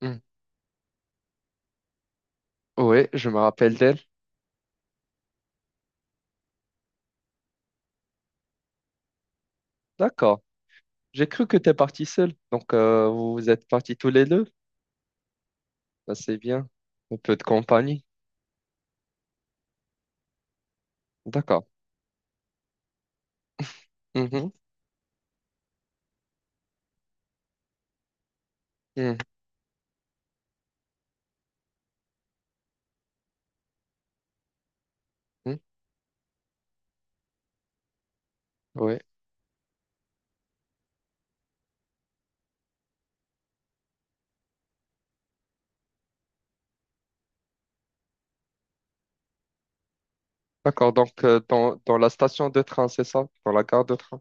Hmm. Oui, je me rappelle d'elle. D'accord. J'ai cru que t'es parti seul. Donc, vous êtes partis tous les deux. Ça, c'est bien. Un peu de compagnie. D'accord. Mhm. Mhm. Oui. D'accord. Donc, dans, dans la station de train, c'est ça? Dans la gare de train.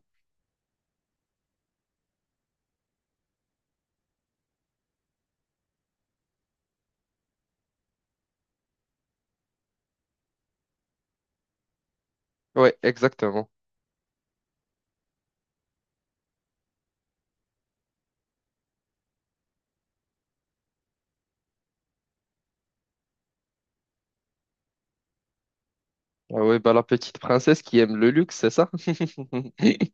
Oui, exactement. Ah oui, bah, la petite princesse qui aime le luxe, c'est ça?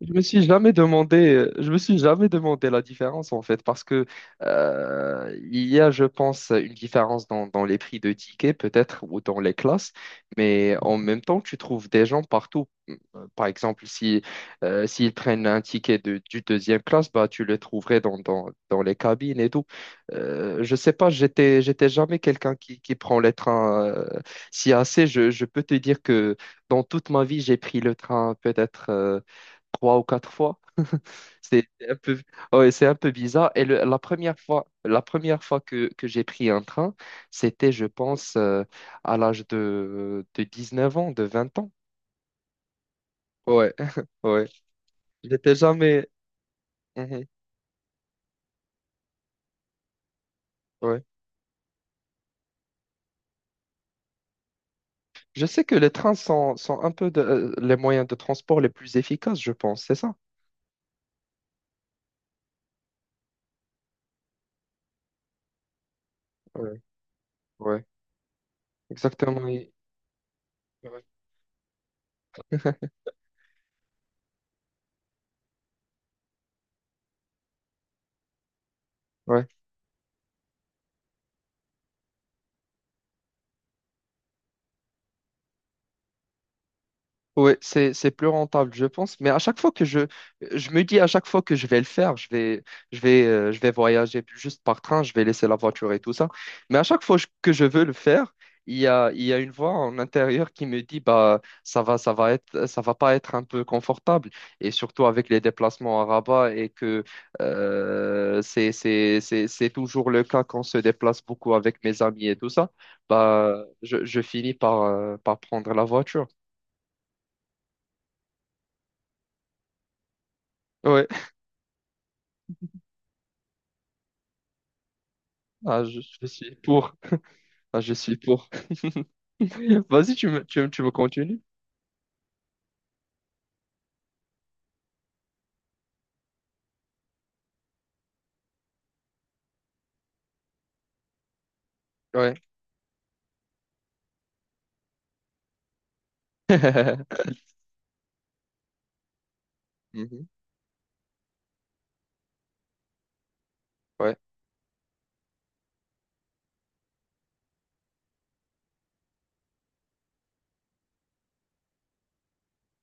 Je me suis jamais demandé, je me suis jamais demandé la différence en fait, parce que il y a, je pense, une différence dans, dans les prix de tickets peut-être ou dans les classes, mais en même temps, tu trouves des gens partout. Par exemple, si s'ils prennent un ticket de, du deuxième classe, bah tu le trouverais dans, dans les cabines et tout. Je sais pas, j'étais jamais quelqu'un qui prend les trains si assez. Je peux te dire que dans toute ma vie, j'ai pris le train peut-être, trois ou quatre fois. C'est un peu, ouais, c'est un peu bizarre. Et la première fois que j'ai pris un train, c'était, je pense, à l'âge de 19 ans, de 20 ans. Ouais, ouais. J'étais jamais. Mhm, ouais. Je sais que les trains sont, sont un peu les moyens de transport les plus efficaces, je pense, c'est ça? Ouais, ouais, exactement. Ouais. Ouais. Ouais, c'est plus rentable, je pense. Mais à chaque fois que je me dis, à chaque fois que je vais le faire, je vais voyager juste par train, je vais laisser la voiture et tout ça. Mais à chaque fois que je veux le faire, il y a une voix en intérieur qui me dit, bah, ça va être, ça va pas être un peu confortable. Et surtout avec les déplacements à Rabat et que, c'est toujours le cas quand on se déplace beaucoup avec mes amis et tout ça, bah, je finis par, par prendre la voiture. Ouais. Ah, je suis pour. Ah, je suis pour. Vas-y, tu veux continuer? Ouais. Mhm. Ouais,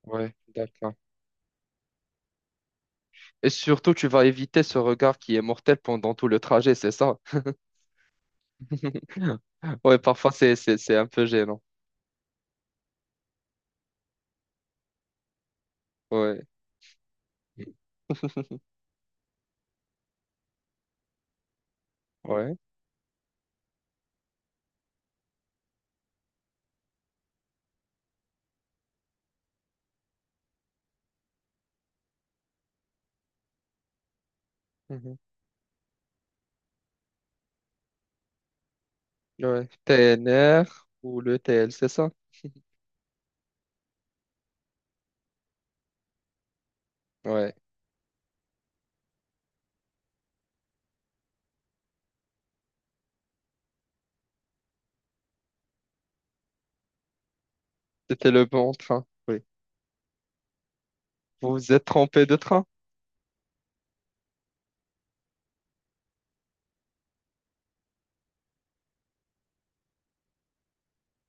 ouais, d'accord. Et surtout, tu vas éviter ce regard qui est mortel pendant tout le trajet, c'est ça? Ouais, parfois, c'est un peu gênant. Ouais. Ouais. Mhm. Ouais. TNR ou le TL, c'est ça? Ouais. C'était le bon train. Oui. Vous vous êtes trompé de train?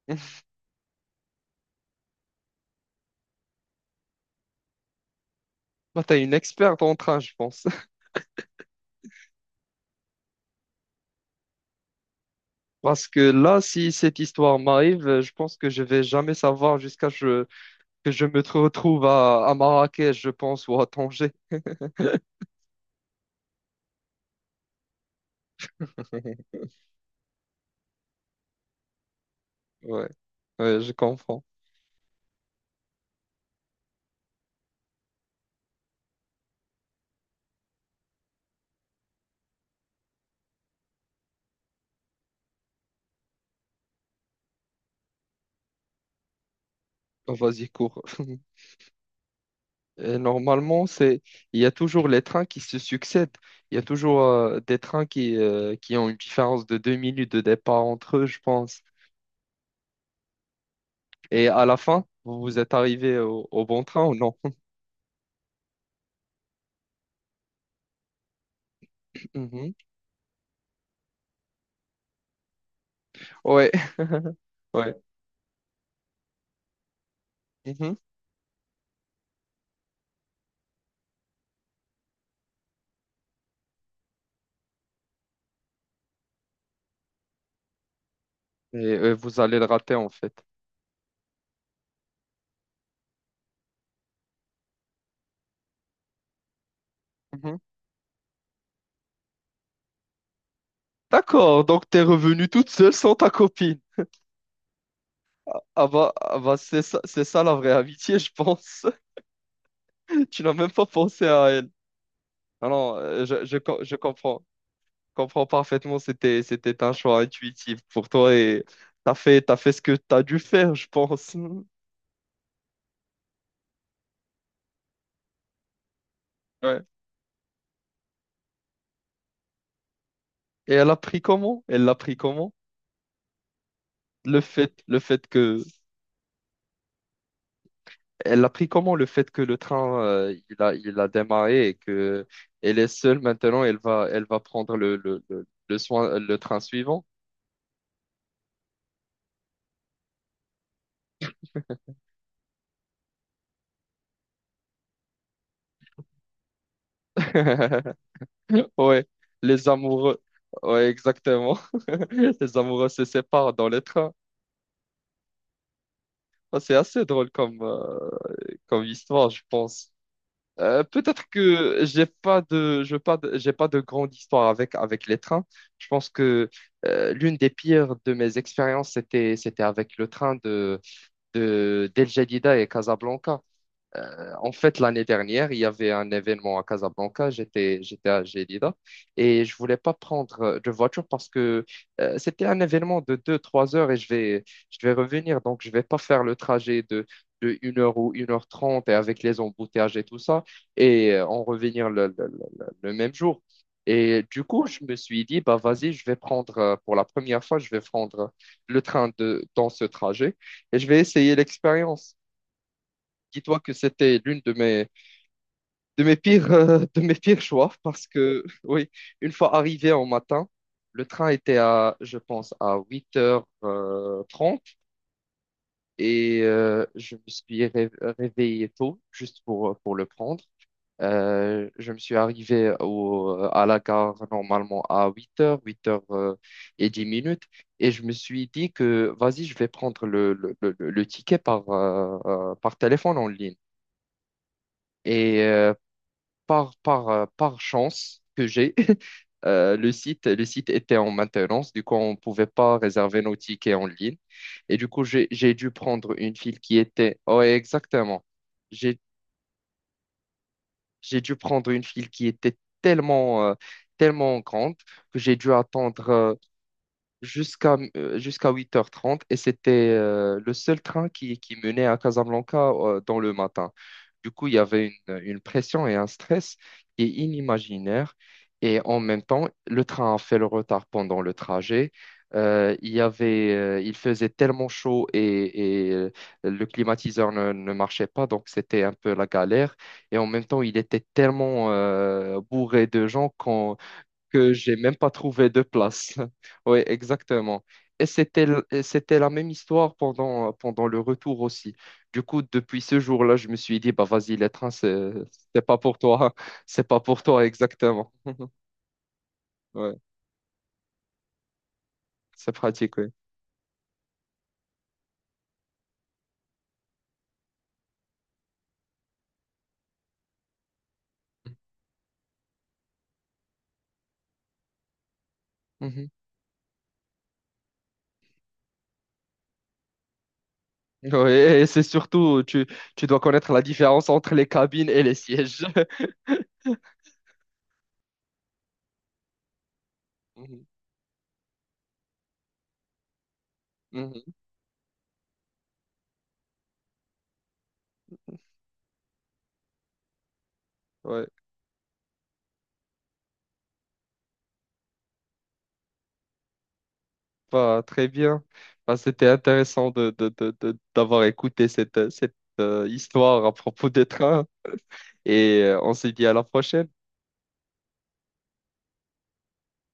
Bah, t'es une experte en train, je pense. Parce que là, si cette histoire m'arrive, je pense que je vais jamais savoir jusqu'à ce que je me retrouve à Marrakech, je pense, ou à Tanger. Ouais, ouais, je comprends. Oh, vas-y, cours. Et normalement, il y a toujours les trains qui se succèdent. Il y a toujours des trains qui ont une différence de deux minutes de départ entre eux, je pense. Et à la fin, vous vous êtes arrivé au, au bon train ou non? Mhm. Ouais, ouais. Mhm. Et vous allez le rater, en fait. Mhm. D'accord, donc t'es revenue toute seule sans ta copine. Ah bah c'est ça la vraie amitié, je pense. Tu n'as même pas pensé à elle. Non, non, je comprends. Comprends parfaitement, c'était, c'était un choix intuitif pour toi et t'as fait ce que t'as dû faire, je pense. Ouais. Et elle a pris comment? Elle l'a pris comment? Le fait que... Elle a pris comment le fait que le train, il a démarré et que elle est seule maintenant, elle va prendre le soin, le train suivant. Ouais, les amoureux, ouais, exactement. Les amoureux se séparent dans les trains. Ça, c'est assez drôle comme, comme histoire, je pense. Peut-être que j'ai pas de, j'ai pas de grande histoire avec, avec les trains. Je pense que l'une des pires de mes expériences, c'était, c'était avec le train de, d'El Jadida et Casablanca. En fait, l'année dernière, il y avait un événement à Casablanca. J'étais, j'étais à Gelida et je voulais pas prendre de voiture parce que c'était un événement de deux-trois heures et je vais revenir. Donc, je vais pas faire le trajet de 1 heure ou 1 h 30, et avec les embouteillages et tout ça et en revenir le même jour. Et du coup, je me suis dit, bah vas-y, je vais prendre, pour la première fois, je vais prendre le train de, dans ce trajet et je vais essayer l'expérience. Dis-toi que c'était l'une de mes pires choix parce que, oui, une fois arrivé en matin, le train était à, je pense, à 8 heures trente et je me suis réveillé tôt juste pour le prendre. Je me suis arrivé au, à la gare normalement à huit heures et 10 minutes et je me suis dit que, vas-y, je vais prendre le ticket par, par téléphone en ligne. Et par chance que j'ai, le site était en maintenance, du coup, on ne pouvait pas réserver nos tickets en ligne. Et du coup, j'ai dû prendre une file qui était... Ouais, exactement. J'ai, j'ai dû prendre une file qui était tellement, tellement grande que j'ai dû attendre jusqu'à jusqu'à 8 h 30 et c'était le seul train qui menait à Casablanca dans le matin. Du coup, il y avait une pression et un stress qui est inimaginaire. Et en même temps, le train a fait le retard pendant le trajet. Il faisait tellement chaud et, le climatiseur ne marchait pas, donc c'était un peu la galère. Et en même temps, il était tellement bourré de gens qu'on que j'ai même pas trouvé de place. Oui, exactement. Et c'était, et c'était la même histoire pendant, pendant le retour aussi. Du coup, depuis ce jour-là, je me suis dit, bah vas-y, les trains, c'est pas pour toi. C'est pas pour toi, exactement. Ouais, c'est pratique, oui. Mhm. Ouais, et c'est surtout, tu dois connaître la différence entre les cabines et les sièges. Mhm. Mhm. Ouais, bah, très bien. Bah, c'était intéressant d'avoir écouté cette, cette histoire à propos des trains. Et on se dit à la prochaine.